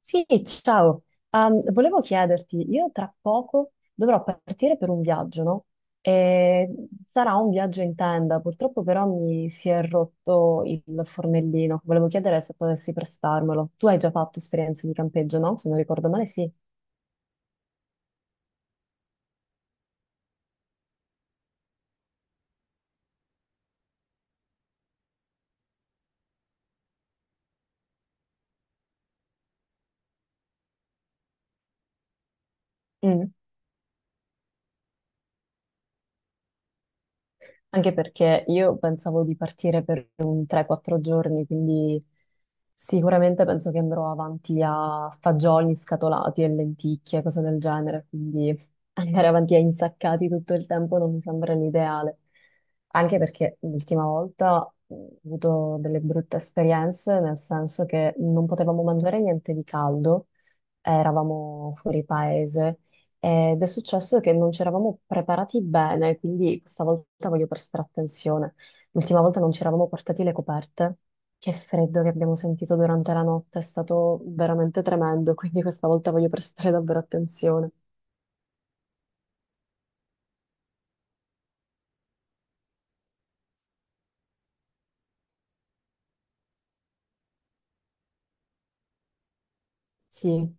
Sì, ciao. Volevo chiederti, io tra poco dovrò partire per un viaggio, no? E sarà un viaggio in tenda, purtroppo però mi si è rotto il fornellino. Volevo chiedere se potessi prestarmelo. Tu hai già fatto esperienze di campeggio, no? Se non ricordo male, sì. Mm. Anche perché io pensavo di partire per un 3-4 giorni, quindi sicuramente penso che andrò avanti a fagioli scatolati e lenticchie, cose del genere, quindi andare avanti a insaccati tutto il tempo non mi sembra l'ideale. Anche perché l'ultima volta ho avuto delle brutte esperienze, nel senso che non potevamo mangiare niente di caldo, eravamo fuori paese ed è successo che non ci eravamo preparati bene, quindi questa volta voglio prestare attenzione. L'ultima volta non ci eravamo portati le coperte. Che freddo che abbiamo sentito durante la notte, è stato veramente tremendo, quindi questa volta voglio prestare davvero attenzione. Sì.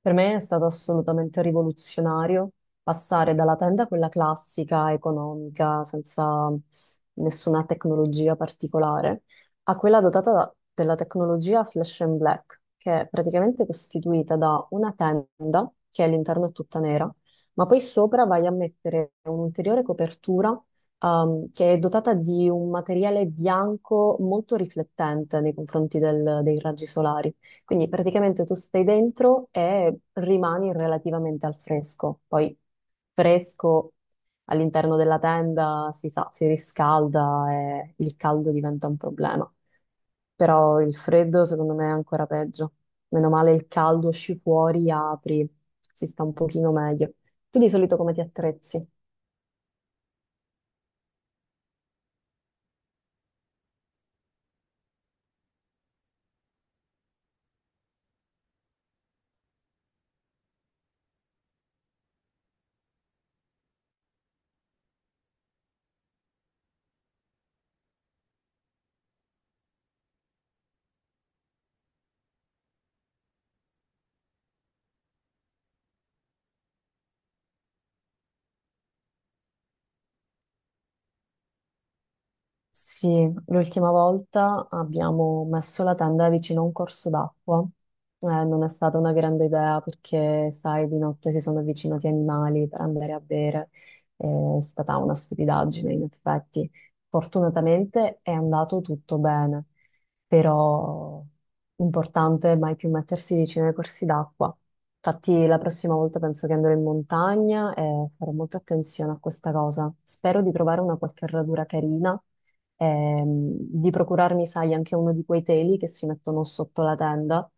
Per me è stato assolutamente rivoluzionario passare dalla tenda, quella classica, economica, senza nessuna tecnologia particolare, a quella dotata della tecnologia Flash and Black, che è praticamente costituita da una tenda, che all'interno è tutta nera, ma poi sopra vai a mettere un'ulteriore copertura, che è dotata di un materiale bianco molto riflettente nei confronti dei raggi solari. Quindi praticamente tu stai dentro e rimani relativamente al fresco. Poi fresco all'interno della tenda si sa, si riscalda e il caldo diventa un problema. Però il freddo secondo me è ancora peggio. Meno male il caldo, esci fuori, apri, si sta un pochino meglio. Tu di solito come ti attrezzi? Sì, l'ultima volta abbiamo messo la tenda vicino a un corso d'acqua. Non è stata una grande idea perché, sai, di notte si sono avvicinati animali per andare a bere. È stata una stupidaggine, in effetti. Fortunatamente è andato tutto bene, però importante mai più mettersi vicino ai corsi d'acqua. Infatti, la prossima volta penso che andrò in montagna e farò molta attenzione a questa cosa. Spero di trovare una qualche radura carina, di procurarmi, sai, anche uno di quei teli che si mettono sotto la tenda,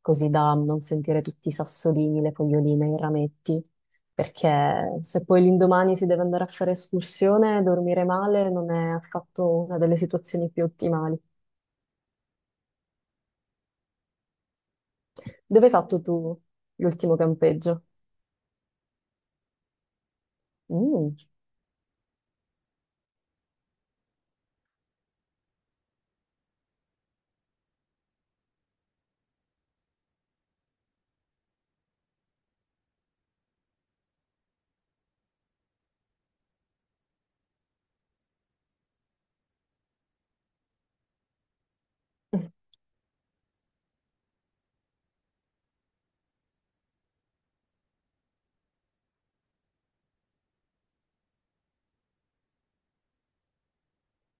così da non sentire tutti i sassolini, le foglioline, i rametti, perché se poi l'indomani si deve andare a fare escursione, dormire male non è affatto una delle situazioni più ottimali. Dove hai fatto tu l'ultimo campeggio? Mm.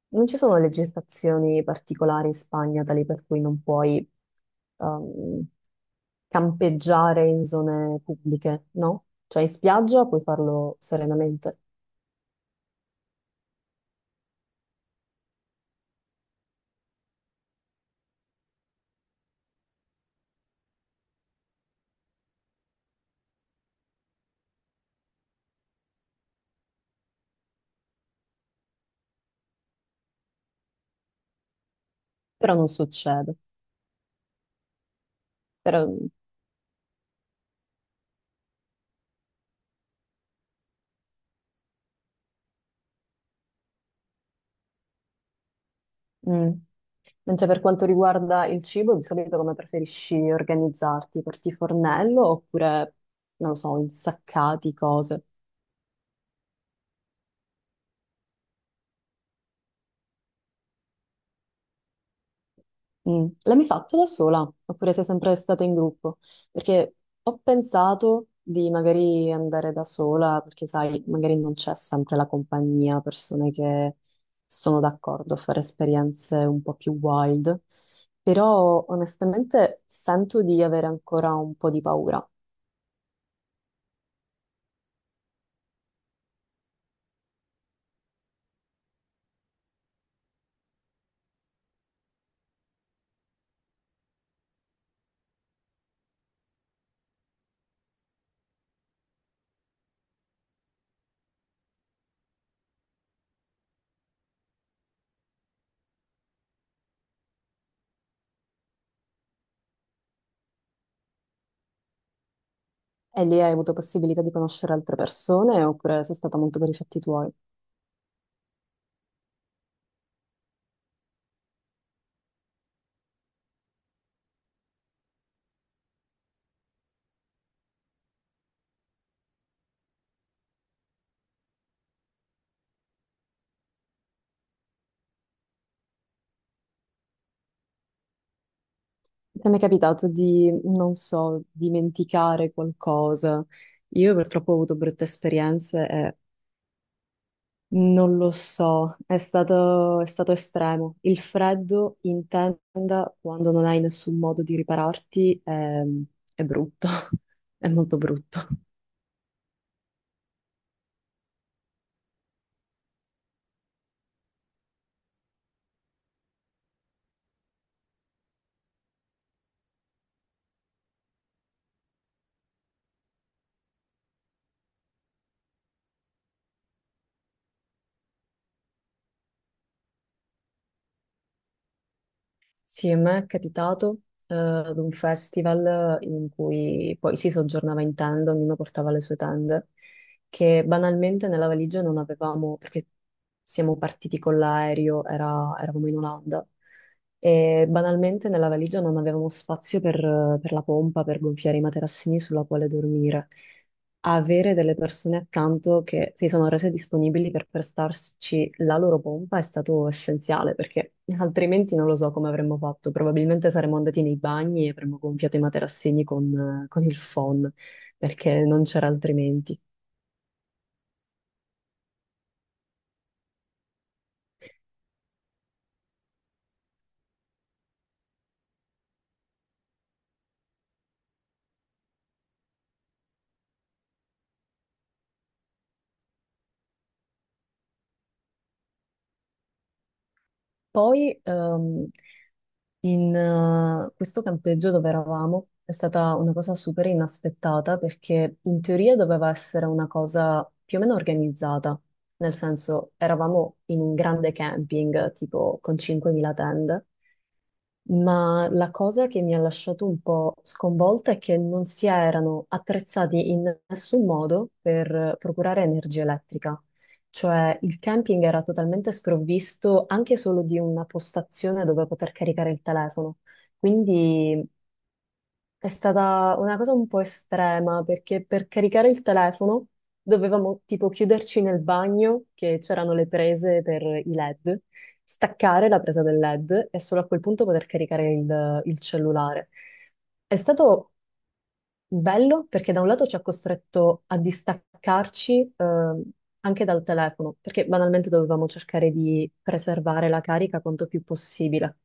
Non ci sono legislazioni particolari in Spagna tali per cui non puoi ehm, campeggiare in zone pubbliche, no? Cioè in spiaggia puoi farlo serenamente, però non succede. Però, mm. Mentre per quanto riguarda il cibo, di solito come preferisci organizzarti? Porti fornello oppure, non lo so, insaccati cose? Mm. L'hai mai fatto da sola? Oppure sei sempre stata in gruppo? Perché ho pensato di magari andare da sola, perché sai, magari non c'è sempre la compagnia, persone che sono d'accordo a fare esperienze un po' più wild, però onestamente sento di avere ancora un po' di paura. E lì hai avuto possibilità di conoscere altre persone oppure sei stata molto per i fatti tuoi? Ti è mai capitato di, non so, dimenticare qualcosa? Io purtroppo ho avuto brutte esperienze e non lo so, è stato estremo. Il freddo in tenda, quando non hai nessun modo di ripararti, è brutto, è molto brutto. Sì, a me è capitato, ad un festival in cui poi si soggiornava in tenda, ognuno portava le sue tende, che banalmente nella valigia non avevamo, perché siamo partiti con l'aereo, eravamo in Olanda, e banalmente nella valigia non avevamo spazio per, la pompa, per gonfiare i materassini sulla quale dormire. Avere delle persone accanto che si sono rese disponibili per prestarci la loro pompa è stato essenziale, perché altrimenti non lo so come avremmo fatto. Probabilmente saremmo andati nei bagni e avremmo gonfiato i materassini con il phon, perché non c'era altrimenti. Poi, in questo campeggio dove eravamo è stata una cosa super inaspettata perché in teoria doveva essere una cosa più o meno organizzata, nel senso eravamo in un grande camping tipo con 5.000 tende, ma la cosa che mi ha lasciato un po' sconvolta è che non si erano attrezzati in nessun modo per procurare energia elettrica. Cioè il camping era totalmente sprovvisto anche solo di una postazione dove poter caricare il telefono. Quindi è stata una cosa un po' estrema perché per caricare il telefono dovevamo tipo chiuderci nel bagno che c'erano le prese per i LED, staccare la presa del LED e solo a quel punto poter caricare il cellulare. È stato bello perché da un lato ci ha costretto a distaccarci, anche dal telefono, perché banalmente dovevamo cercare di preservare la carica quanto più possibile.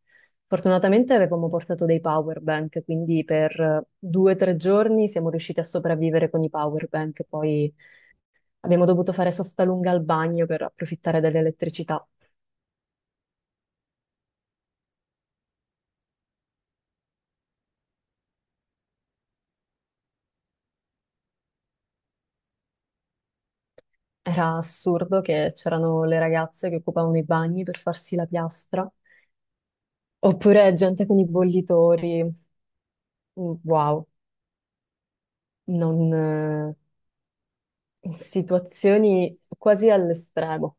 Fortunatamente avevamo portato dei power bank, quindi per 2 o 3 giorni siamo riusciti a sopravvivere con i power bank, poi abbiamo dovuto fare sosta lunga al bagno per approfittare dell'elettricità. Era assurdo che c'erano le ragazze che occupavano i bagni per farsi la piastra, oppure gente con i bollitori. Wow, non, in situazioni quasi all'estremo.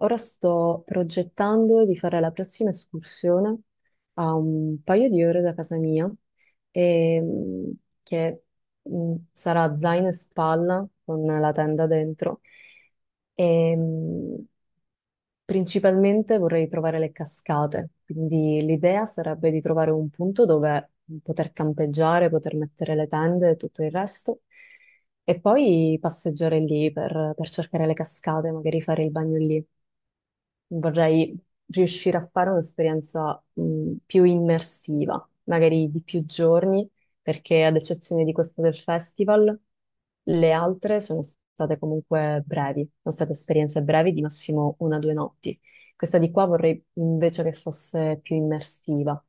Ora sto progettando di fare la prossima escursione a un paio di ore da casa mia, e, che sarà zaino e spalla con la tenda dentro. E, principalmente vorrei trovare le cascate, quindi l'idea sarebbe di trovare un punto dove poter campeggiare, poter mettere le tende e tutto il resto, e poi passeggiare lì per, cercare le cascate, magari fare il bagno lì. Vorrei riuscire a fare un'esperienza più immersiva, magari di più giorni, perché ad eccezione di questa del festival, le altre sono state comunque brevi, sono state esperienze brevi di massimo 1 o 2 notti. Questa di qua vorrei invece che fosse più immersiva.